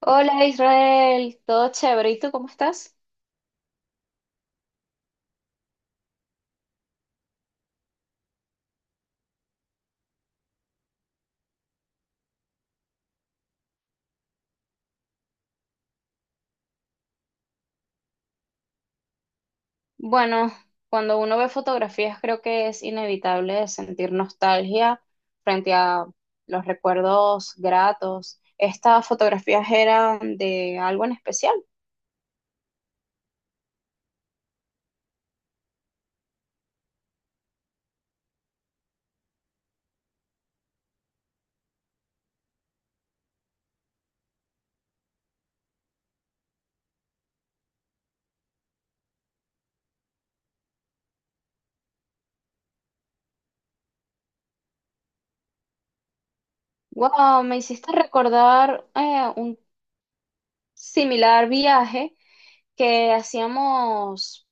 Hola Israel, todo chévere. ¿Y tú cómo estás? Bueno, cuando uno ve fotografías creo que es inevitable sentir nostalgia frente a los recuerdos gratos. ¿Estas fotografías eran de algo en especial? Wow, me hiciste recordar un similar viaje que hacíamos,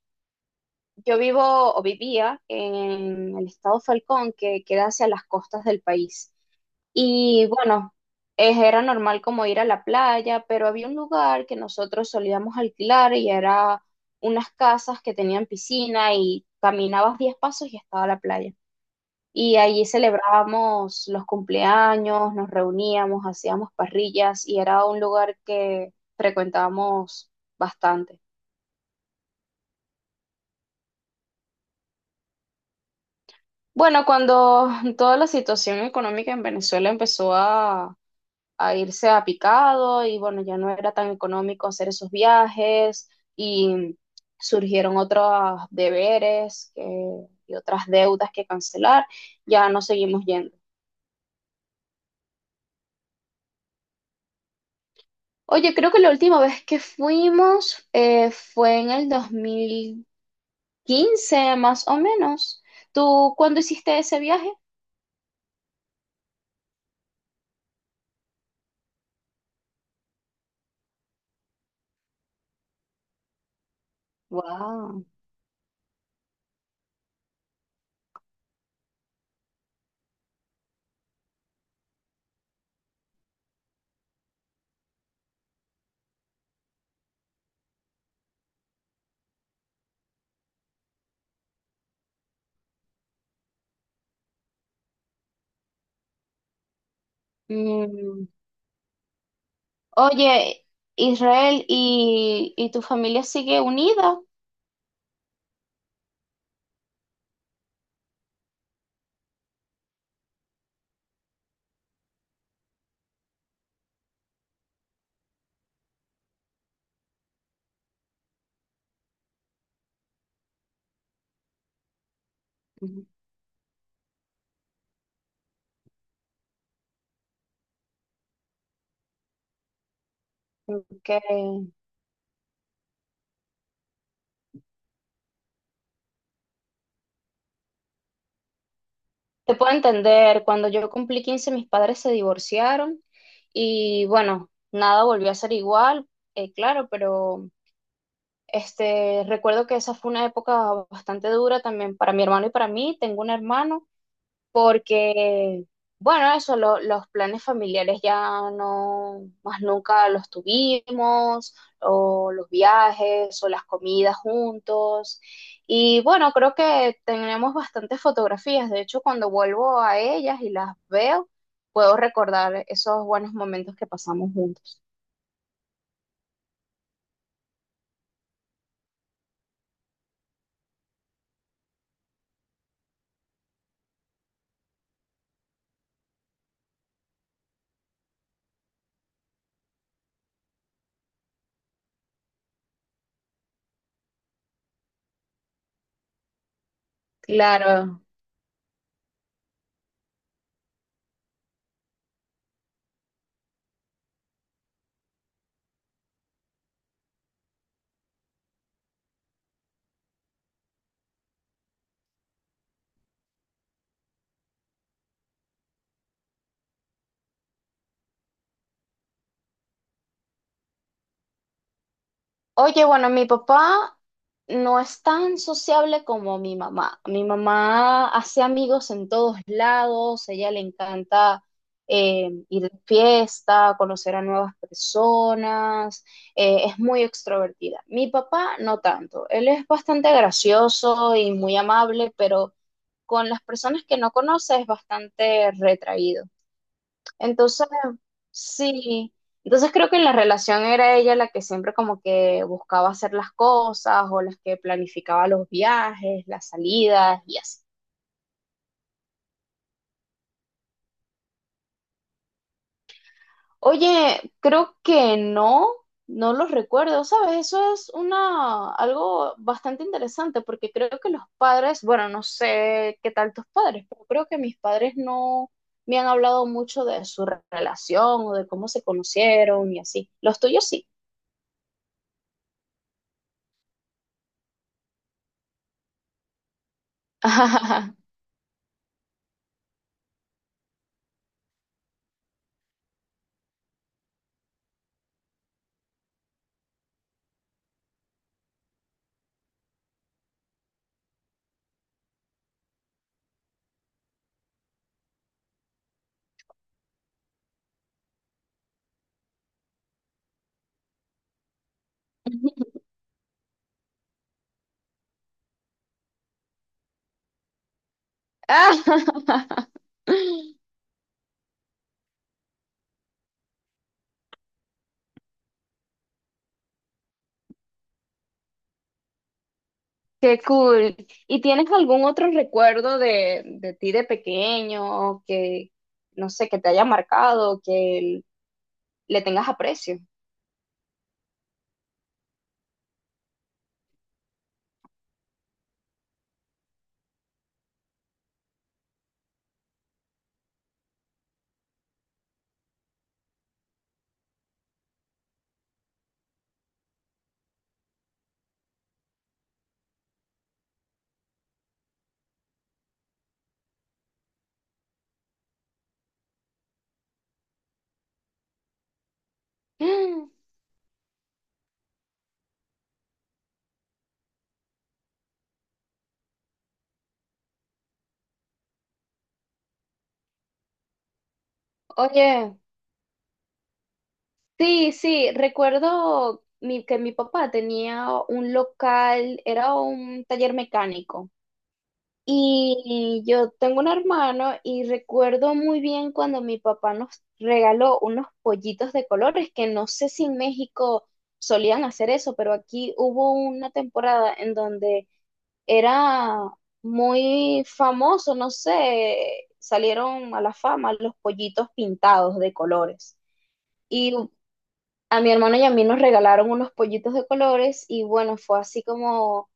yo vivo o vivía en el estado Falcón, que queda hacia las costas del país. Y bueno, era normal como ir a la playa, pero había un lugar que nosotros solíamos alquilar y era unas casas que tenían piscina y caminabas 10 pasos y estaba la playa. Y allí celebrábamos los cumpleaños, nos reuníamos, hacíamos parrillas y era un lugar que frecuentábamos bastante. Bueno, cuando toda la situación económica en Venezuela empezó a irse a picado y bueno, ya no era tan económico hacer esos viajes y surgieron otros deberes y otras deudas que cancelar, ya no seguimos yendo. Oye, creo que la última vez que fuimos fue en el 2015, más o menos. ¿Tú cuándo hiciste ese viaje? Wow. Oye, Israel, y tu familia sigue unida? Ujú. Porque te puedo entender, cuando yo cumplí 15, mis padres se divorciaron y bueno, nada volvió a ser igual, claro, pero este, recuerdo que esa fue una época bastante dura también para mi hermano y para mí. Tengo un hermano porque, bueno, eso, los planes familiares ya no, más nunca los tuvimos, o los viajes, o las comidas juntos. Y bueno, creo que tenemos bastantes fotografías. De hecho, cuando vuelvo a ellas y las veo, puedo recordar esos buenos momentos que pasamos juntos. Claro. Oye, bueno, mi papá no es tan sociable como mi mamá. Mi mamá hace amigos en todos lados, a ella le encanta ir de fiesta, conocer a nuevas personas, es muy extrovertida. Mi papá no tanto, él es bastante gracioso y muy amable, pero con las personas que no conoce es bastante retraído. Entonces, sí, entonces creo que en la relación era ella la que siempre como que buscaba hacer las cosas o las que planificaba los viajes, las salidas y así. Oye, creo que no, no los recuerdo, ¿sabes? Eso es una, algo bastante interesante porque creo que los padres, bueno, no sé qué tal tus padres, pero creo que mis padres no me han hablado mucho de su relación o de cómo se conocieron y así. Los tuyos sí. ¡Ah! Qué cool. ¿Y tienes algún otro recuerdo de ti de pequeño que, no sé, que te haya marcado, que le tengas aprecio? Mm. Oye, sí, sí, recuerdo que mi papá tenía un local, era un taller mecánico. Y yo tengo un hermano y recuerdo muy bien cuando mi papá nos regaló unos pollitos de colores, que no sé si en México solían hacer eso, pero aquí hubo una temporada en donde era muy famoso, no sé, salieron a la fama los pollitos pintados de colores. Y a mi hermano y a mí nos regalaron unos pollitos de colores y bueno, fue así como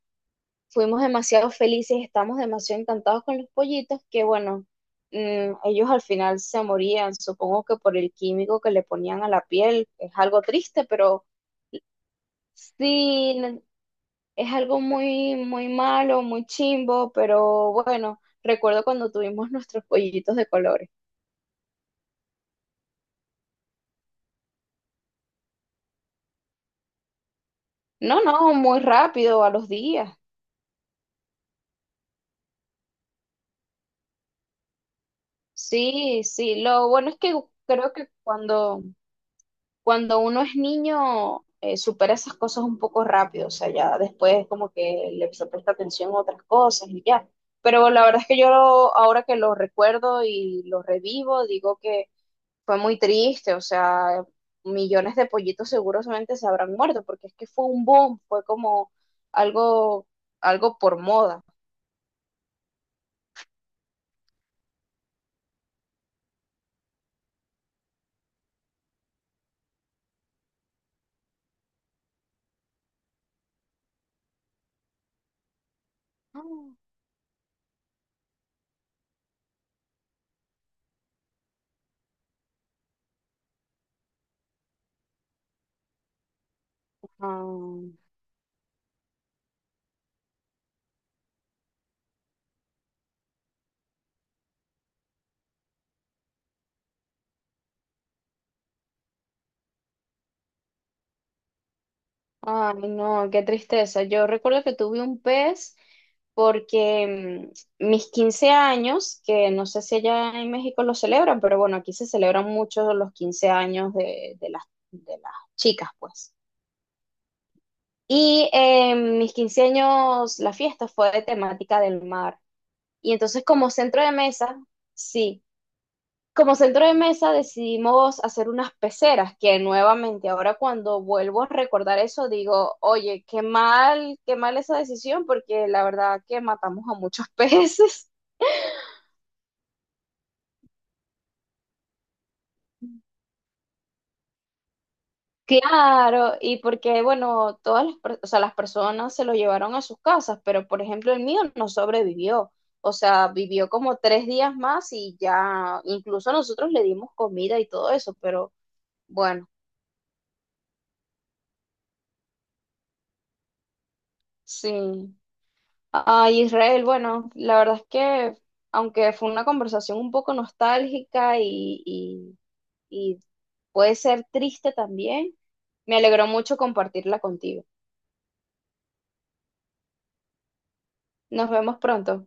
fuimos demasiado felices, estamos demasiado encantados con los pollitos, que bueno, ellos al final se morían, supongo que por el químico que le ponían a la piel, es algo triste, pero sí, es algo muy, muy malo, muy chimbo, pero bueno, recuerdo cuando tuvimos nuestros pollitos de colores. No, no, muy rápido, a los días. Sí, sí, lo bueno es que creo que cuando cuando uno es niño, supera esas cosas un poco rápido, o sea, ya después como que le se presta atención a otras cosas y ya. Pero la verdad es que yo ahora que lo recuerdo y lo revivo, digo que fue muy triste, o sea, millones de pollitos seguramente se habrán muerto, porque es que fue un boom, fue como algo, algo por moda. Ah. Ay, no, qué tristeza. Yo recuerdo que tuve un pez porque mis 15 años, que no sé si allá en México lo celebran, pero bueno, aquí se celebran mucho los 15 años de las chicas, pues. Y mis 15 años, la fiesta fue de temática del mar. Y entonces como centro de mesa, sí, como centro de mesa decidimos hacer unas peceras, que nuevamente ahora cuando vuelvo a recordar eso digo, oye, qué mal esa decisión, porque la verdad que matamos a muchos peces. Claro, y porque, bueno, todas las, o sea, las personas se lo llevaron a sus casas, pero por ejemplo el mío no sobrevivió, o sea, vivió como 3 días más y ya, incluso nosotros le dimos comida y todo eso, pero bueno, sí. Ah, Israel, bueno, la verdad es que aunque fue una conversación un poco nostálgica y puede ser triste también, me alegró mucho compartirla contigo. Nos vemos pronto.